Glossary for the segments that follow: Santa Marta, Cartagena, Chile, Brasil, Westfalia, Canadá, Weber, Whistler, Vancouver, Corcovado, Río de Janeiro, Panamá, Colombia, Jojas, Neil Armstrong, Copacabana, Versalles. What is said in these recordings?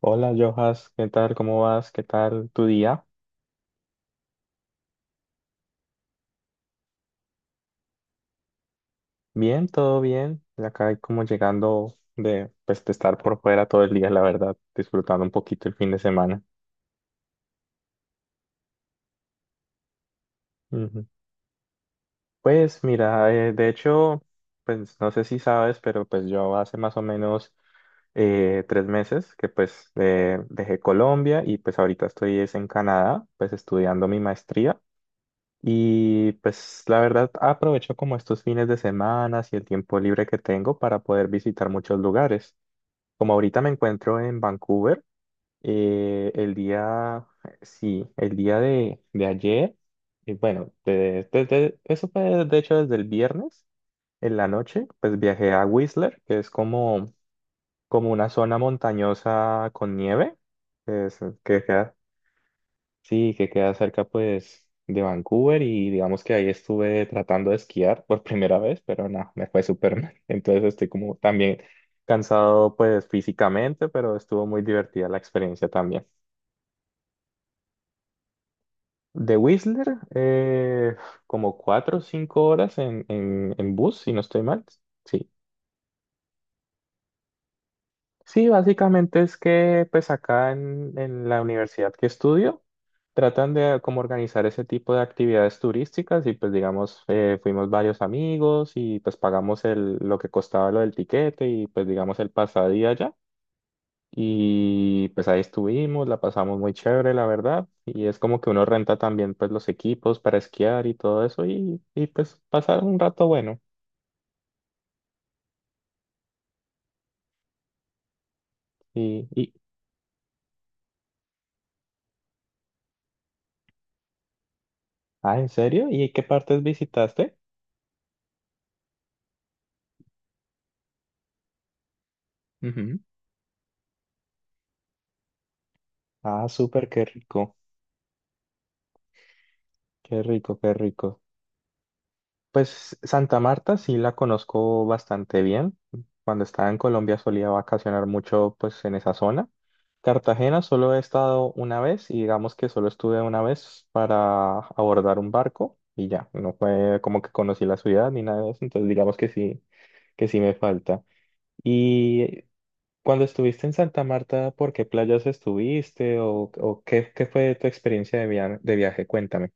Hola, Jojas, ¿qué tal? ¿Cómo vas? ¿Qué tal tu día? Bien, todo bien. Acá como llegando de, pues, de estar por fuera todo el día, la verdad, disfrutando un poquito el fin de semana. Ujú. Pues mira, de hecho, pues no sé si sabes, pero pues yo hace más o menos 3 meses que pues dejé Colombia y pues ahorita estoy es en Canadá, pues estudiando mi maestría. Y pues la verdad aprovecho como estos fines de semana y el tiempo libre que tengo para poder visitar muchos lugares. Como ahorita me encuentro en Vancouver, el día, sí, el día de ayer, y bueno, eso fue de hecho desde el viernes en la noche, pues viajé a Whistler, que es como una zona montañosa con nieve, que queda. Sí, que queda cerca pues de Vancouver y digamos que ahí estuve tratando de esquiar por primera vez, pero no, me fue súper mal. Entonces estoy como también cansado pues físicamente, pero estuvo muy divertida la experiencia también. De Whistler, como 4 o 5 horas en, en bus, si no estoy mal. Sí. Sí, básicamente es que pues acá en, la universidad que estudio tratan de como organizar ese tipo de actividades turísticas y pues digamos fuimos varios amigos y pues pagamos el, lo que costaba lo del tiquete y pues digamos el pasadía allá y pues ahí estuvimos, la pasamos muy chévere la verdad y es como que uno renta también pues los equipos para esquiar y todo eso y pues pasar un rato bueno. y, y ah, ¿en serio? ¿Y qué partes visitaste? Ah, súper, qué rico, qué rico, qué rico. Pues Santa Marta sí la conozco bastante bien. Cuando estaba en Colombia solía vacacionar mucho pues en esa zona. Cartagena solo he estado una vez y digamos que solo estuve una vez para abordar un barco y ya, no fue como que conocí la ciudad ni nada de eso, entonces digamos que sí me falta. Y cuando estuviste en Santa Marta, ¿por qué playas estuviste o qué fue tu experiencia de viaje? Cuéntame.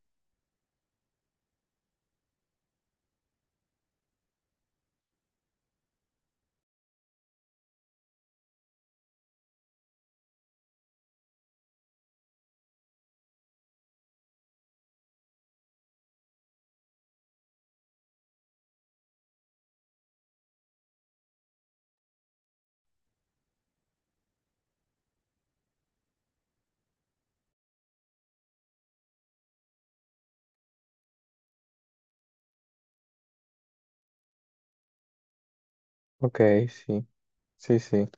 Ok, sí, sí, sí.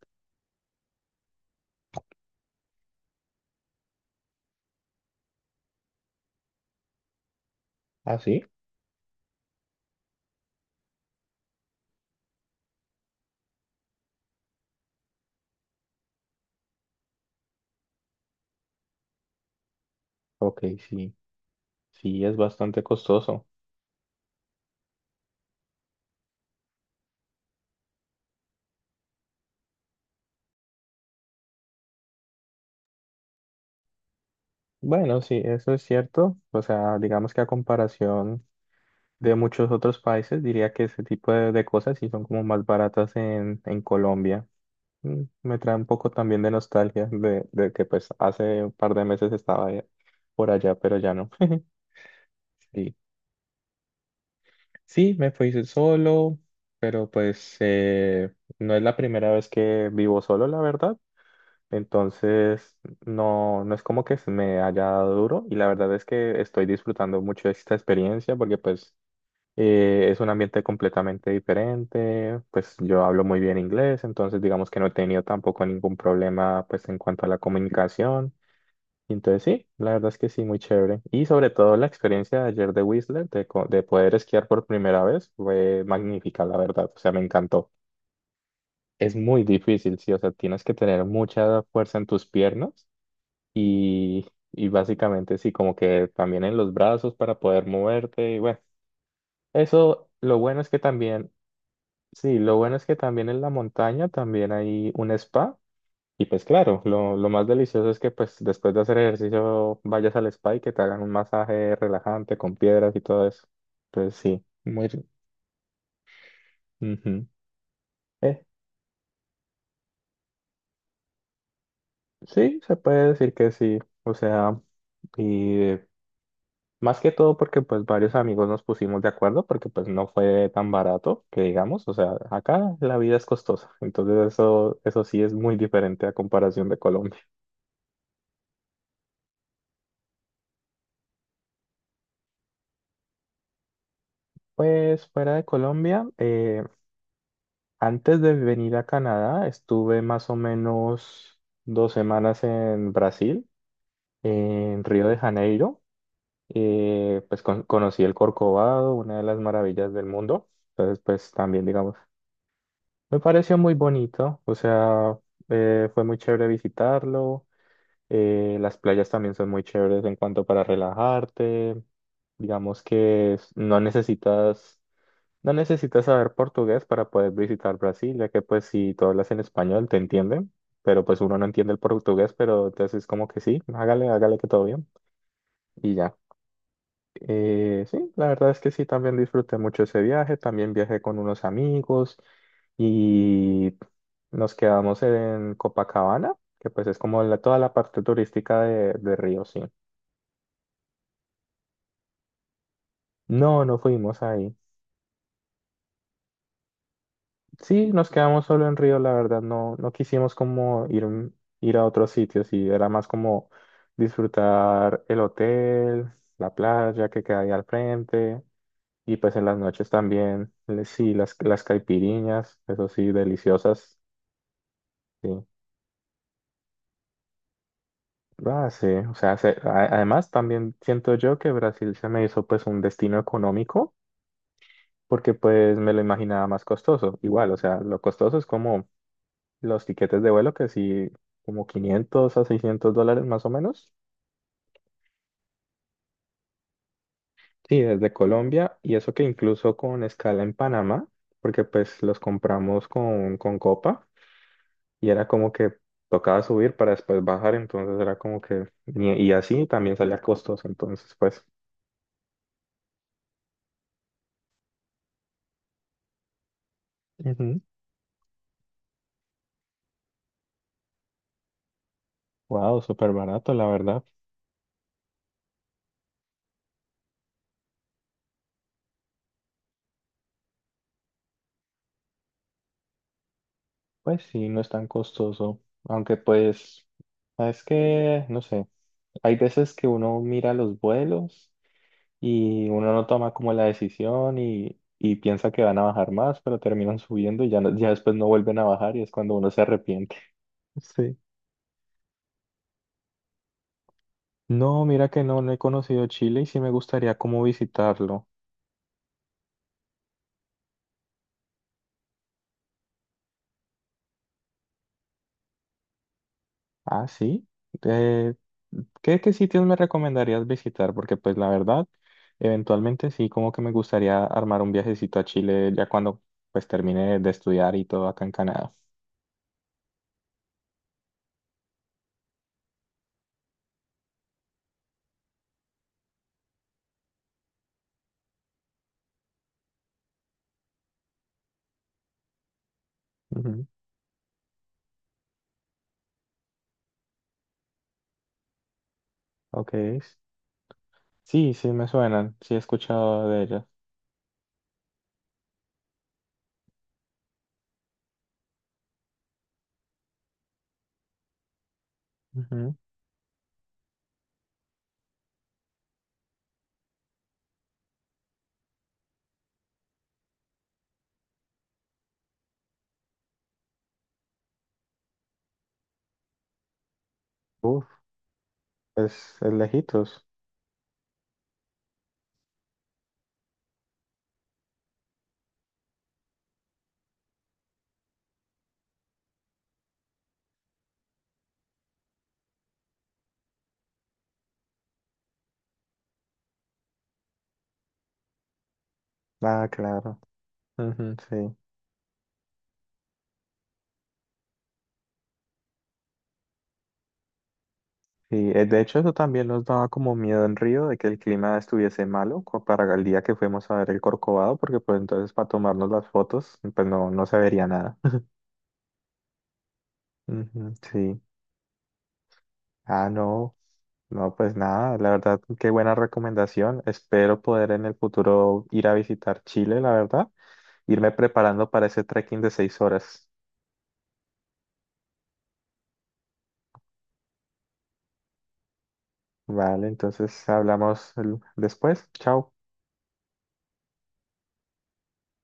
¿Ah, sí? Ok, sí, sí, es bastante costoso. Bueno, sí, eso es cierto. O sea, digamos que a comparación de muchos otros países, diría que ese tipo de cosas sí son como más baratas en Colombia. Me trae un poco también de nostalgia de que pues hace un par de meses estaba por allá, pero ya no. Sí, sí, me fui solo, pero pues no es la primera vez que vivo solo, la verdad. Entonces, no, no es como que se me haya dado duro y la verdad es que estoy disfrutando mucho esta experiencia porque pues es un ambiente completamente diferente, pues yo hablo muy bien inglés, entonces digamos que no he tenido tampoco ningún problema pues en cuanto a la comunicación. Y entonces sí, la verdad es que sí, muy chévere. Y sobre todo la experiencia de ayer de Whistler, de poder esquiar por primera vez, fue magnífica, la verdad, o sea, me encantó. Es muy difícil, sí, o sea, tienes que tener mucha fuerza en tus piernas y, básicamente sí, como que también en los brazos para poder moverte y bueno, eso lo bueno es que también, sí, lo bueno es que también en la montaña también hay un spa y pues claro, lo más delicioso es que pues después de hacer ejercicio vayas al spa y que te hagan un masaje relajante con piedras y todo eso. Entonces sí, muy. Ujú. Eh, sí, se puede decir que sí, o sea. Y más que todo porque pues varios amigos nos pusimos de acuerdo porque pues no fue tan barato que digamos, o sea, acá la vida es costosa, entonces eso sí es muy diferente a comparación de Colombia. Pues fuera de Colombia, antes de venir a Canadá estuve más o menos 2 semanas en Brasil, en Río de Janeiro, pues conocí el Corcovado, una de las maravillas del mundo, entonces pues también digamos. Me pareció muy bonito, o sea, fue muy chévere visitarlo. Las playas también son muy chéveres en cuanto para relajarte. Digamos que no necesitas, saber portugués para poder visitar Brasil, ya que pues si tú hablas en español te entienden, pero pues uno no entiende el portugués, pero entonces es como que sí, hágale, hágale que todo bien y ya. Sí, la verdad es que sí, también disfruté mucho ese viaje, también viajé con unos amigos y nos quedamos en Copacabana, que pues es como toda la parte turística de Río, sí. No, no fuimos ahí. Sí, nos quedamos solo en Río, la verdad, no, no quisimos como ir, ir a otros sitios y era más como disfrutar el hotel, la playa que queda ahí al frente. Y pues en las noches también, sí, las caipiriñas, eso sí, deliciosas. Sí. Ah, sí, o sea, además también siento yo que Brasil se me hizo pues un destino económico porque pues me lo imaginaba más costoso. Igual, o sea, lo costoso es como los tiquetes de vuelo que sí, como 500 a 600 dólares más o menos. Sí, desde Colombia y eso que incluso con escala en Panamá, porque pues los compramos con Copa. Y era como que tocaba subir para después bajar, entonces era como que, y así también salía costoso, entonces pues. Wow, súper barato, la verdad, pues sí, no es tan costoso, aunque pues, es que, no sé, hay veces que uno mira los vuelos y uno no toma como la decisión y. Y piensa que van a bajar más, pero terminan subiendo y ya, ya después no vuelven a bajar y es cuando uno se arrepiente. Sí. No, mira que no, no he conocido Chile y sí me gustaría como visitarlo. Ah, sí. Eh, ¿qué sitios me recomendarías visitar? Porque pues la verdad, eventualmente sí, como que me gustaría armar un viajecito a Chile ya cuando pues termine de estudiar y todo acá en Canadá. Ujú, ok. Sí, sí, me suenan. Sí, he escuchado de ellas. Ujú. Uf, es lejitos. Ah, claro. Ujú, sí. Sí, de hecho eso también nos daba como miedo en Río de que el clima estuviese malo para el día que fuimos a ver el Corcovado, porque pues entonces para tomarnos las fotos pues no, no se vería nada. Ujú, sí. Ah, no. No, pues nada, la verdad, qué buena recomendación. Espero poder en el futuro ir a visitar Chile, la verdad, irme preparando para ese trekking de 6 horas. Vale, entonces hablamos después. Chao.